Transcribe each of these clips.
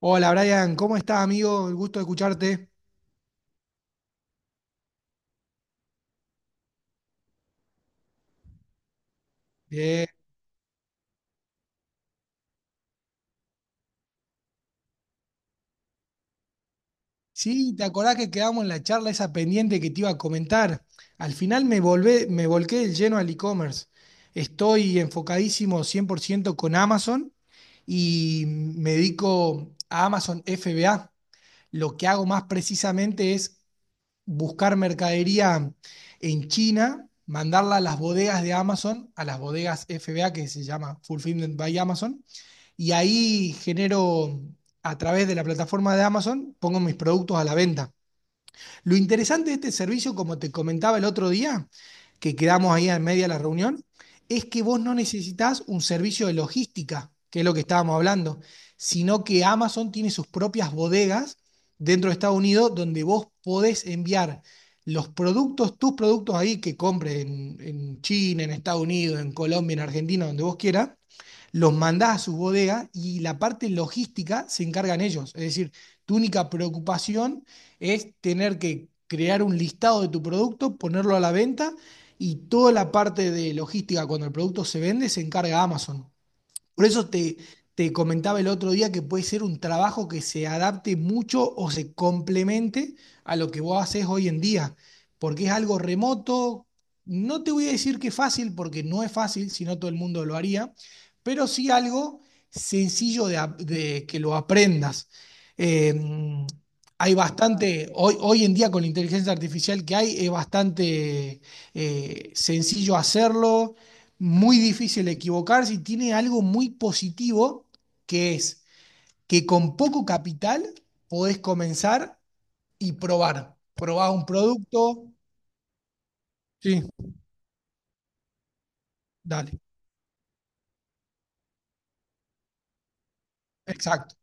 Hola Brian, ¿cómo estás amigo? El gusto de escucharte. Bien. Sí, ¿te acordás que quedamos en la charla esa pendiente que te iba a comentar? Al final me volqué del lleno al e-commerce. Estoy enfocadísimo 100% con Amazon y me dedico a Amazon FBA. Lo que hago más precisamente es buscar mercadería en China, mandarla a las bodegas de Amazon, a las bodegas FBA que se llama Fulfillment by Amazon y ahí genero, a través de la plataforma de Amazon, pongo mis productos a la venta. Lo interesante de este servicio, como te comentaba el otro día, que quedamos ahí en media de la reunión, es que vos no necesitas un servicio de logística, que es lo que estábamos hablando, sino que Amazon tiene sus propias bodegas dentro de Estados Unidos donde vos podés enviar los productos, tus productos ahí que compres en China, en Estados Unidos, en Colombia, en Argentina, donde vos quieras, los mandás a sus bodegas y la parte logística se encargan ellos. Es decir, tu única preocupación es tener que crear un listado de tu producto, ponerlo a la venta y toda la parte de logística cuando el producto se vende se encarga Amazon. Por eso te comentaba el otro día que puede ser un trabajo que se adapte mucho o se complemente a lo que vos haces hoy en día, porque es algo remoto. No te voy a decir que es fácil, porque no es fácil, si no todo el mundo lo haría, pero sí algo sencillo de que lo aprendas. Eh, Hay bastante, hoy en día con la inteligencia artificial que hay, es bastante sencillo hacerlo, muy difícil equivocarse y tiene algo muy positivo que es que con poco capital podés comenzar y probar. Probás un producto. Sí, dale. Exacto.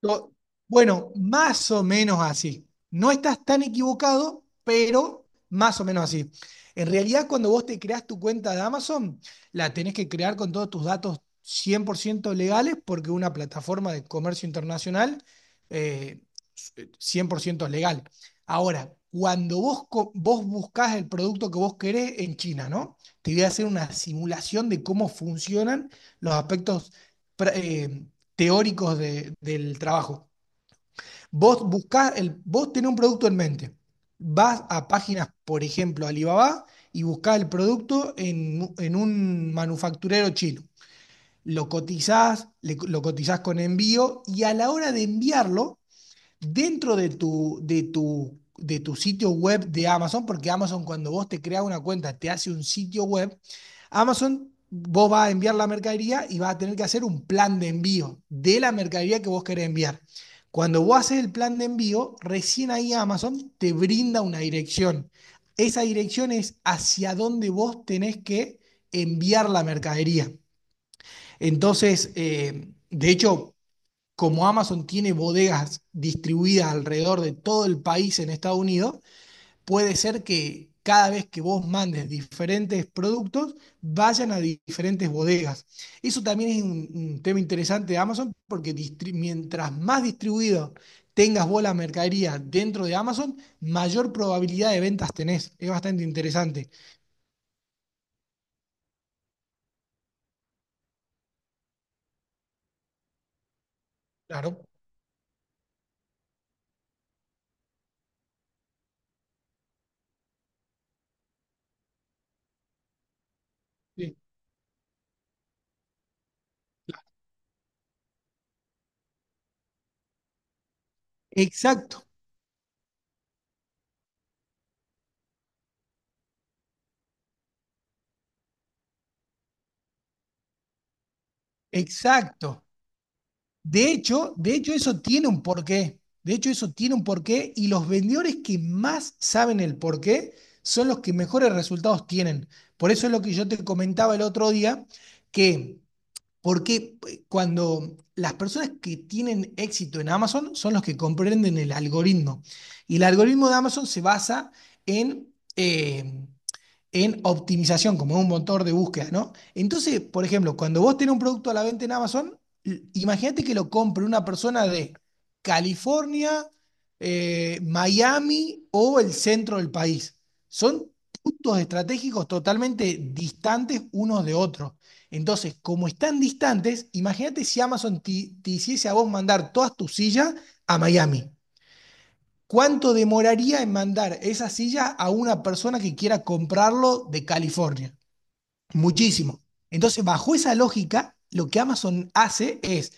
To- Bueno, más o menos así. No estás tan equivocado, pero más o menos así. En realidad, cuando vos te creás tu cuenta de Amazon, la tenés que crear con todos tus datos 100% legales, porque una plataforma de comercio internacional, eh, 100% legal. Ahora, cuando vos buscás el producto que vos querés en China, ¿no? Te voy a hacer una simulación de cómo funcionan los aspectos teóricos del trabajo. Vos buscás, el, vos tenés un producto en mente. Vas a páginas, por ejemplo, Alibaba, y buscás el producto en, en un manufacturero chino. Lo cotizás, lo cotizás con envío y a la hora de enviarlo, dentro de tu sitio web de Amazon, porque Amazon cuando vos te creas una cuenta te hace un sitio web, Amazon vos vas a enviar la mercadería y vas a tener que hacer un plan de envío de la mercadería que vos querés enviar. Cuando vos haces el plan de envío, recién ahí Amazon te brinda una dirección. Esa dirección es hacia dónde vos tenés que enviar la mercadería. Entonces, de hecho, como Amazon tiene bodegas distribuidas alrededor de todo el país en Estados Unidos, puede ser que cada vez que vos mandes diferentes productos, vayan a diferentes bodegas. Eso también es un tema interesante de Amazon, porque mientras más distribuido tengas vos la mercadería dentro de Amazon, mayor probabilidad de ventas tenés. Es bastante interesante. Claro, sí. Exacto, exacto. De hecho eso tiene un porqué. De hecho eso tiene un porqué y los vendedores que más saben el porqué son los que mejores resultados tienen. Por eso es lo que yo te comentaba el otro día, que porque cuando las personas que tienen éxito en Amazon son los que comprenden el algoritmo. Y el algoritmo de Amazon se basa en... eh, en optimización, como en un motor de búsqueda, ¿no? Entonces, por ejemplo, cuando vos tenés un producto a la venta en Amazon, imagínate que lo compre una persona de California, Miami o el centro del país. Son puntos estratégicos totalmente distantes unos de otros. Entonces, como están distantes, imagínate si Amazon te, te hiciese a vos mandar todas tus sillas a Miami. ¿Cuánto demoraría en mandar esa silla a una persona que quiera comprarlo de California? Muchísimo. Entonces, bajo esa lógica, lo que Amazon hace es,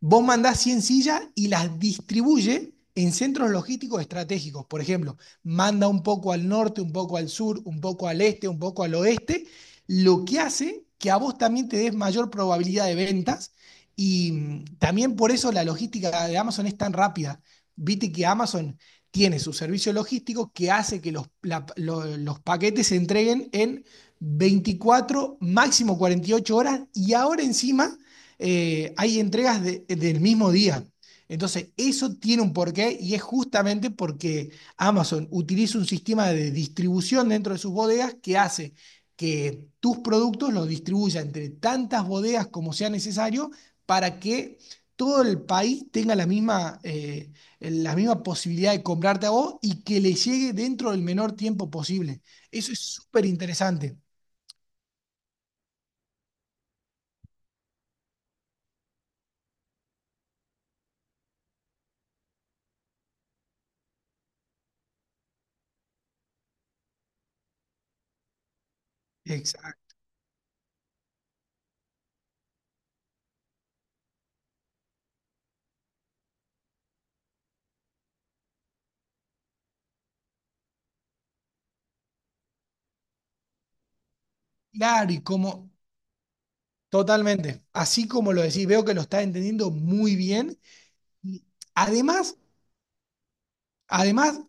vos mandás 100 sillas y las distribuye en centros logísticos estratégicos. Por ejemplo, manda un poco al norte, un poco al sur, un poco al este, un poco al oeste, lo que hace que a vos también te des mayor probabilidad de ventas y también por eso la logística de Amazon es tan rápida. Viste que Amazon tiene su servicio logístico que hace que los paquetes se entreguen en 24, máximo 48 horas y ahora encima hay entregas del mismo día. Entonces, eso tiene un porqué y es justamente porque Amazon utiliza un sistema de distribución dentro de sus bodegas que hace que tus productos los distribuya entre tantas bodegas como sea necesario para que todo el país tenga la misma posibilidad de comprarte a vos y que le llegue dentro del menor tiempo posible. Eso es súper interesante. Exacto. Claro, y como, totalmente. Así como lo decís, veo que lo estás entendiendo muy bien. Y además, además,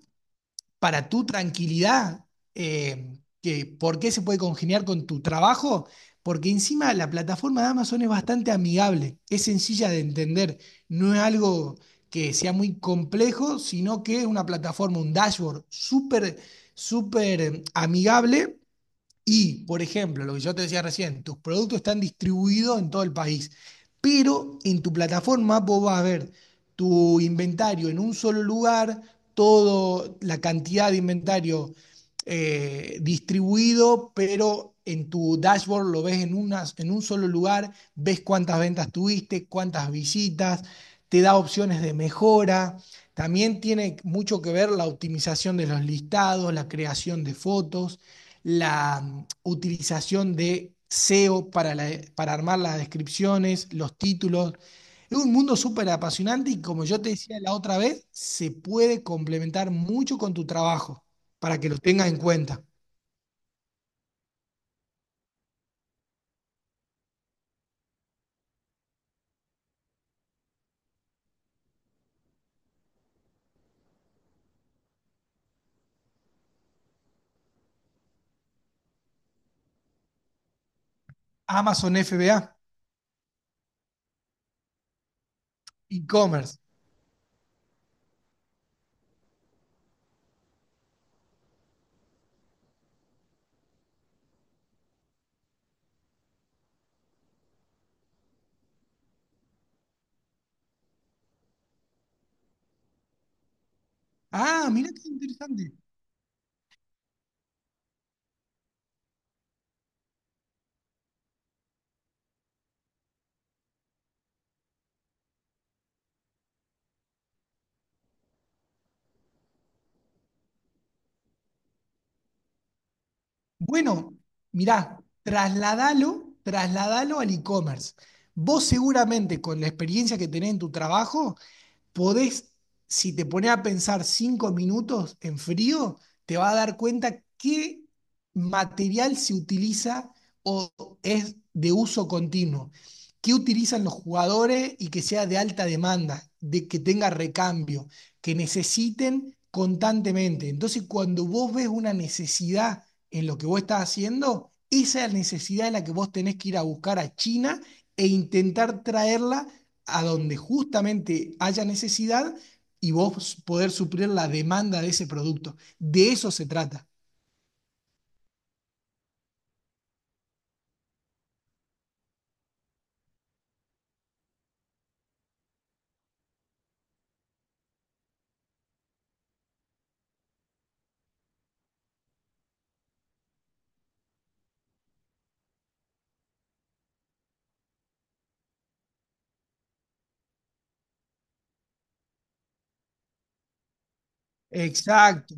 para tu tranquilidad, eh, que ¿por qué se puede congeniar con tu trabajo? Porque encima la plataforma de Amazon es bastante amigable, es sencilla de entender, no es algo que sea muy complejo, sino que es una plataforma, un dashboard súper, súper amigable. Y, por ejemplo, lo que yo te decía recién, tus productos están distribuidos en todo el país, pero en tu plataforma vos vas a ver tu inventario en un solo lugar, toda la cantidad de inventario distribuido, pero en tu dashboard lo ves en un solo lugar, ves cuántas ventas tuviste, cuántas visitas, te da opciones de mejora. También tiene mucho que ver la optimización de los listados, la creación de fotos, la utilización de SEO para armar las descripciones, los títulos. Es un mundo súper apasionante y como yo te decía la otra vez, se puede complementar mucho con tu trabajo para que lo tengas en cuenta. Amazon FBA, e-commerce. Ah, mira qué interesante. Bueno, mirá, trasladalo, trasladalo al e-commerce. Vos seguramente con la experiencia que tenés en tu trabajo, podés, si te pones a pensar 5 minutos en frío, te vas a dar cuenta qué material se utiliza o es de uso continuo, qué utilizan los jugadores y que sea de alta demanda, de que tenga recambio, que necesiten constantemente. Entonces, cuando vos ves una necesidad en lo que vos estás haciendo, esa es la necesidad de la que vos tenés que ir a buscar a China e intentar traerla a donde justamente haya necesidad y vos poder suplir la demanda de ese producto. De eso se trata. Exacto.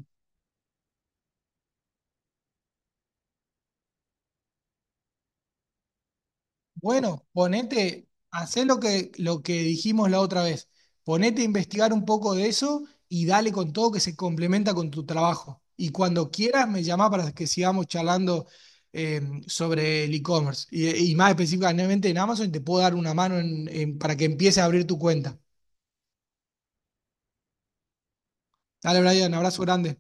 Bueno, ponete, hacé lo que dijimos la otra vez. Ponete a investigar un poco de eso y dale con todo que se complementa con tu trabajo. Y cuando quieras, me llamás para que sigamos charlando, eh, sobre el e-commerce. Y más específicamente en Amazon, te puedo dar una mano para que empieces a abrir tu cuenta. Dale, Brian, abrazo grande.